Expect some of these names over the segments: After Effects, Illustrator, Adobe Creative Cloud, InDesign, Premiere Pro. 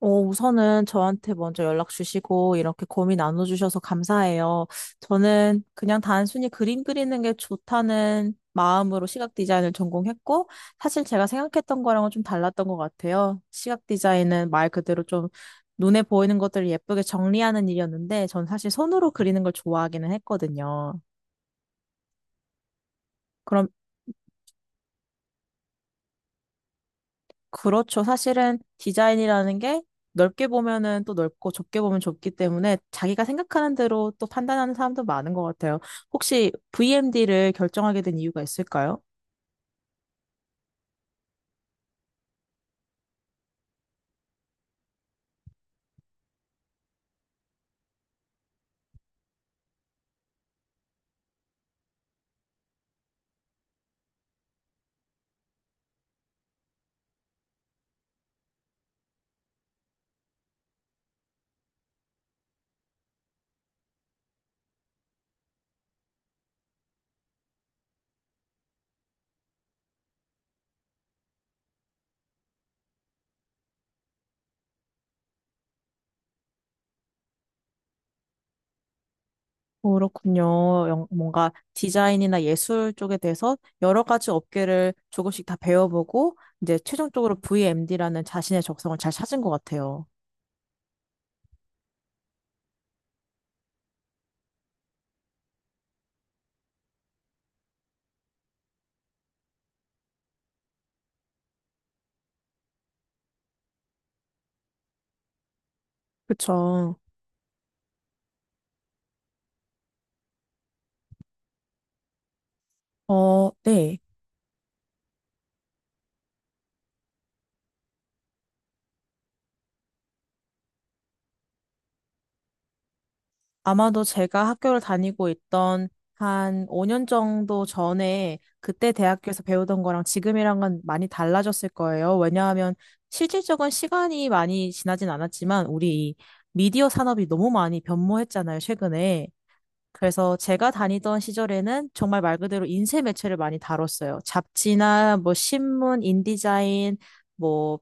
우선은 저한테 먼저 연락 주시고 이렇게 고민 나눠주셔서 감사해요. 저는 그냥 단순히 그림 그리는 게 좋다는 마음으로 시각 디자인을 전공했고 사실 제가 생각했던 거랑은 좀 달랐던 것 같아요. 시각 디자인은 말 그대로 좀 눈에 보이는 것들을 예쁘게 정리하는 일이었는데 전 사실 손으로 그리는 걸 좋아하기는 했거든요. 그럼 그렇죠. 사실은 디자인이라는 게 넓게 보면은 또 넓고 좁게 보면 좁기 때문에 자기가 생각하는 대로 또 판단하는 사람도 많은 것 같아요. 혹시 VMD를 결정하게 된 이유가 있을까요? 그렇군요. 뭔가 디자인이나 예술 쪽에 대해서 여러 가지 업계를 조금씩 다 배워보고 이제 최종적으로 VMD라는 자신의 적성을 잘 찾은 것 같아요. 그쵸. 어, 네. 아마도 제가 학교를 다니고 있던 한 5년 정도 전에 그때 대학교에서 배우던 거랑 지금이랑은 많이 달라졌을 거예요. 왜냐하면 실질적인 시간이 많이 지나진 않았지만 우리 이 미디어 산업이 너무 많이 변모했잖아요, 최근에. 그래서 제가 다니던 시절에는 정말 말 그대로 인쇄 매체를 많이 다뤘어요. 잡지나 뭐 신문, 인디자인, 뭐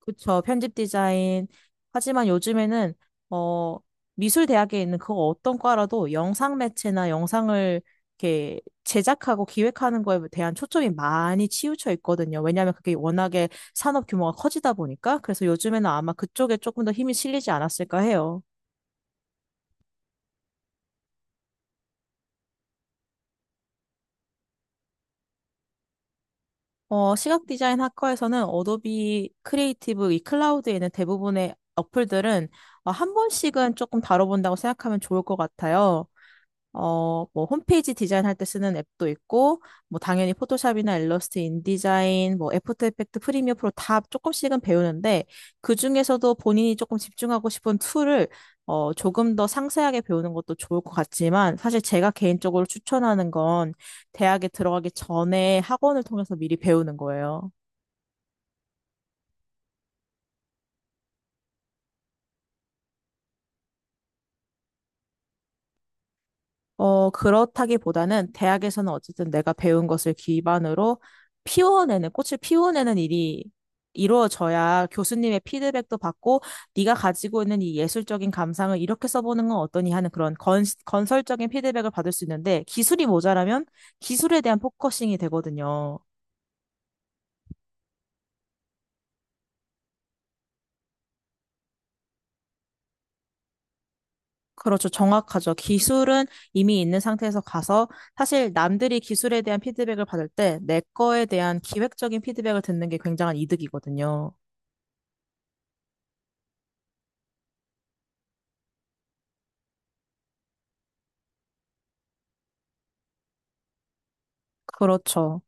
그쵸. 편집 디자인. 하지만 요즘에는, 어, 미술 대학에 있는 그 어떤 과라도 영상 매체나 영상을 이렇게 제작하고 기획하는 거에 대한 초점이 많이 치우쳐 있거든요. 왜냐하면 그게 워낙에 산업 규모가 커지다 보니까. 그래서 요즘에는 아마 그쪽에 조금 더 힘이 실리지 않았을까 해요. 시각 디자인 학과에서는 어도비 크리에이티브 이 클라우드에 있는 대부분의 어플들은 한 번씩은 조금 다뤄본다고 생각하면 좋을 것 같아요. 어, 뭐 홈페이지 디자인할 때 쓰는 앱도 있고 뭐 당연히 포토샵이나 일러스트, 인디자인, 뭐 애프터 이펙트, 프리미어 프로 다 조금씩은 배우는데 그중에서도 본인이 조금 집중하고 싶은 툴을 조금 더 상세하게 배우는 것도 좋을 것 같지만 사실 제가 개인적으로 추천하는 건 대학에 들어가기 전에 학원을 통해서 미리 배우는 거예요. 그렇다기보다는 대학에서는 어쨌든 내가 배운 것을 기반으로 꽃을 피워내는 일이 이루어져야 교수님의 피드백도 받고 네가 가지고 있는 이 예술적인 감상을 이렇게 써보는 건 어떠니 하는 건설적인 피드백을 받을 수 있는데 기술이 모자라면 기술에 대한 포커싱이 되거든요. 그렇죠. 정확하죠. 기술은 이미 있는 상태에서 가서 사실 남들이 기술에 대한 피드백을 받을 때 내 거에 대한 기획적인 피드백을 듣는 게 굉장한 이득이거든요. 그렇죠.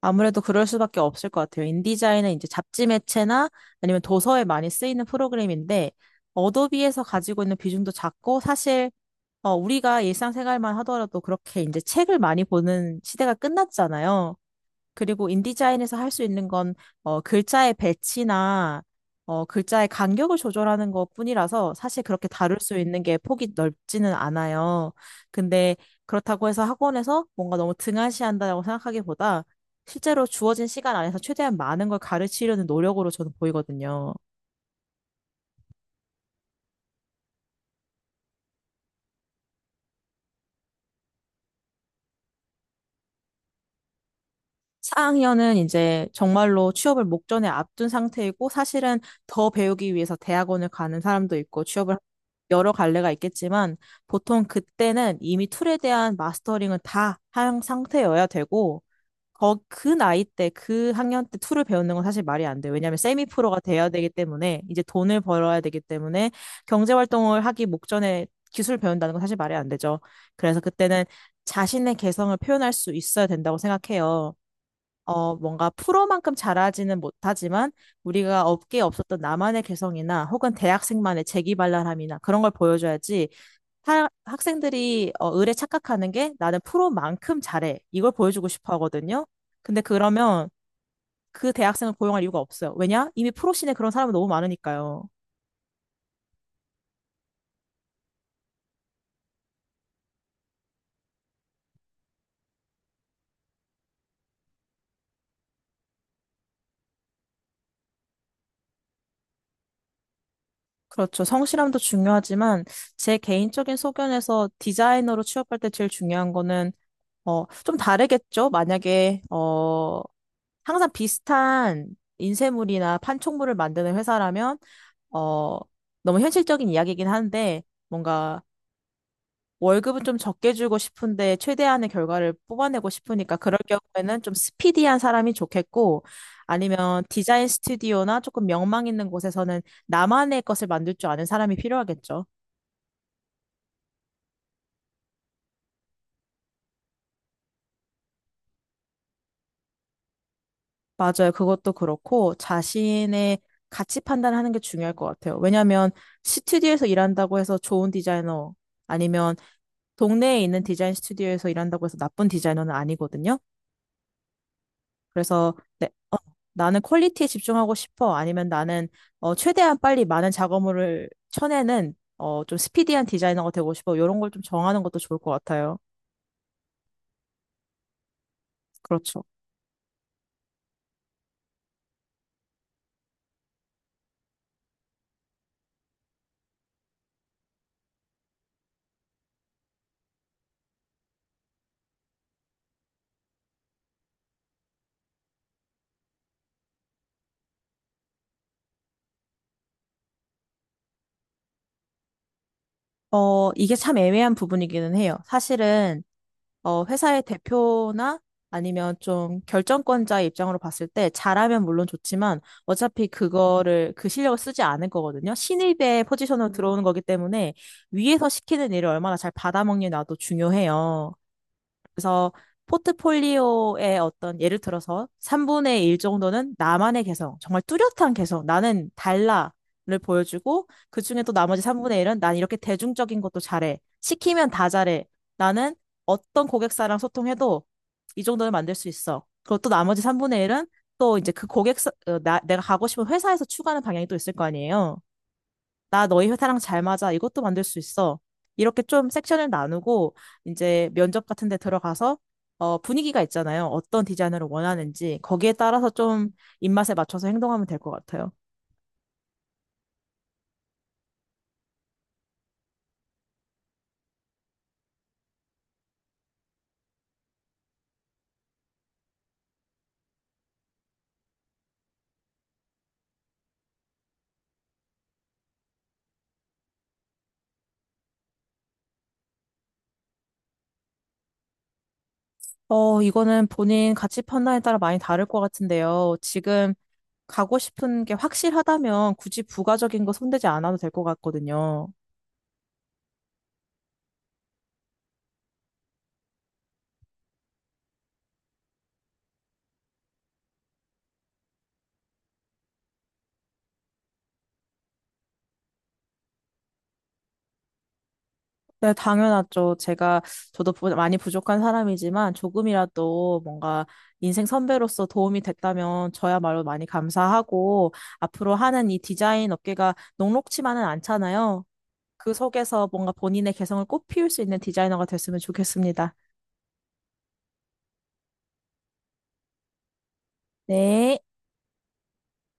아무래도 그럴 수밖에 없을 것 같아요. 인디자인은 이제 잡지 매체나 아니면 도서에 많이 쓰이는 프로그램인데, 어도비에서 가지고 있는 비중도 작고, 사실 우리가 일상생활만 하더라도 그렇게 이제 책을 많이 보는 시대가 끝났잖아요. 그리고 인디자인에서 할 수 있는 건 글자의 배치나 글자의 간격을 조절하는 것뿐이라서 사실 그렇게 다룰 수 있는 게 폭이 넓지는 않아요. 근데 그렇다고 해서 학원에서 뭔가 너무 등한시한다고 생각하기보다 실제로 주어진 시간 안에서 최대한 많은 걸 가르치려는 노력으로 저는 보이거든요. 4학년은 이제 정말로 취업을 목전에 앞둔 상태이고 사실은 더 배우기 위해서 대학원을 가는 사람도 있고 취업을 여러 갈래가 있겠지만 보통 그때는 이미 툴에 대한 마스터링은 다 한 상태여야 되고 거, 그 나이 때, 그 학년 때 툴을 배우는 건 사실 말이 안 돼요. 왜냐하면 세미 프로가 돼야 되기 때문에 이제 돈을 벌어야 되기 때문에 경제 활동을 하기 목전에 기술 배운다는 건 사실 말이 안 되죠. 그래서 그때는 자신의 개성을 표현할 수 있어야 된다고 생각해요. 어, 뭔가 프로만큼 잘하지는 못하지만 우리가 업계에 없었던 나만의 개성이나 혹은 대학생만의 재기발랄함이나 그런 걸 보여줘야지 학생들이 을에 착각하는 게 나는 프로만큼 잘해. 이걸 보여주고 싶어 하거든요. 근데 그러면 그 대학생을 고용할 이유가 없어요. 왜냐? 이미 프로씬에 그런 사람은 너무 많으니까요. 그렇죠. 성실함도 중요하지만 제 개인적인 소견에서 디자이너로 취업할 때 제일 중요한 거는 좀 다르겠죠? 만약에 항상 비슷한 인쇄물이나 판촉물을 만드는 회사라면, 어, 너무 현실적인 이야기이긴 한데, 뭔가 월급은 좀 적게 주고 싶은데, 최대한의 결과를 뽑아내고 싶으니까, 그럴 경우에는 좀 스피디한 사람이 좋겠고, 아니면 디자인 스튜디오나 조금 명망 있는 곳에서는 나만의 것을 만들 줄 아는 사람이 필요하겠죠. 맞아요. 그것도 그렇고 자신의 가치 판단을 하는 게 중요할 것 같아요. 왜냐하면 스튜디오에서 일한다고 해서 좋은 디자이너 아니면 동네에 있는 디자인 스튜디오에서 일한다고 해서 나쁜 디자이너는 아니거든요. 그래서 나는 퀄리티에 집중하고 싶어. 아니면 나는 최대한 빨리 많은 작업물을 쳐내는 좀 스피디한 디자이너가 되고 싶어. 이런 걸 좀 정하는 것도 좋을 것 같아요. 그렇죠. 어, 이게 참 애매한 부분이기는 해요. 사실은 회사의 대표나 아니면 좀 결정권자의 입장으로 봤을 때 잘하면 물론 좋지만 어차피 그거를 그 실력을 쓰지 않을 거거든요. 신입의 포지션으로 들어오는 거기 때문에 위에서 시키는 일을 얼마나 잘 받아먹느냐도 중요해요. 그래서 포트폴리오의 어떤 예를 들어서 3분의 1 정도는 나만의 개성, 정말 뚜렷한 개성, 나는 달라를 보여주고 그중에 또 나머지 3분의 1은 난 이렇게 대중적인 것도 잘해. 시키면 다 잘해. 나는 어떤 고객사랑 소통해도 이 정도는 만들 수 있어. 그리고 또 나머지 3분의 1은 또 이제 내가 가고 싶은 회사에서 추구하는 방향이 또 있을 거 아니에요. 나 너희 회사랑 잘 맞아. 이것도 만들 수 있어. 이렇게 좀 섹션을 나누고 이제 면접 같은 데 들어가서 어, 분위기가 있잖아요. 어떤 디자인을 원하는지 거기에 따라서 좀 입맛에 맞춰서 행동하면 될 것 같아요. 어, 이거는 본인 가치 판단에 따라 많이 다를 것 같은데요. 지금 가고 싶은 게 확실하다면 굳이 부가적인 거 손대지 않아도 될 것 같거든요. 네, 당연하죠. 저도 많이 부족한 사람이지만 조금이라도 뭔가 인생 선배로서 도움이 됐다면 저야말로 많이 감사하고 앞으로 하는 이 디자인 업계가 녹록치만은 않잖아요. 그 속에서 뭔가 본인의 개성을 꽃피울 수 있는 디자이너가 됐으면 좋겠습니다. 네.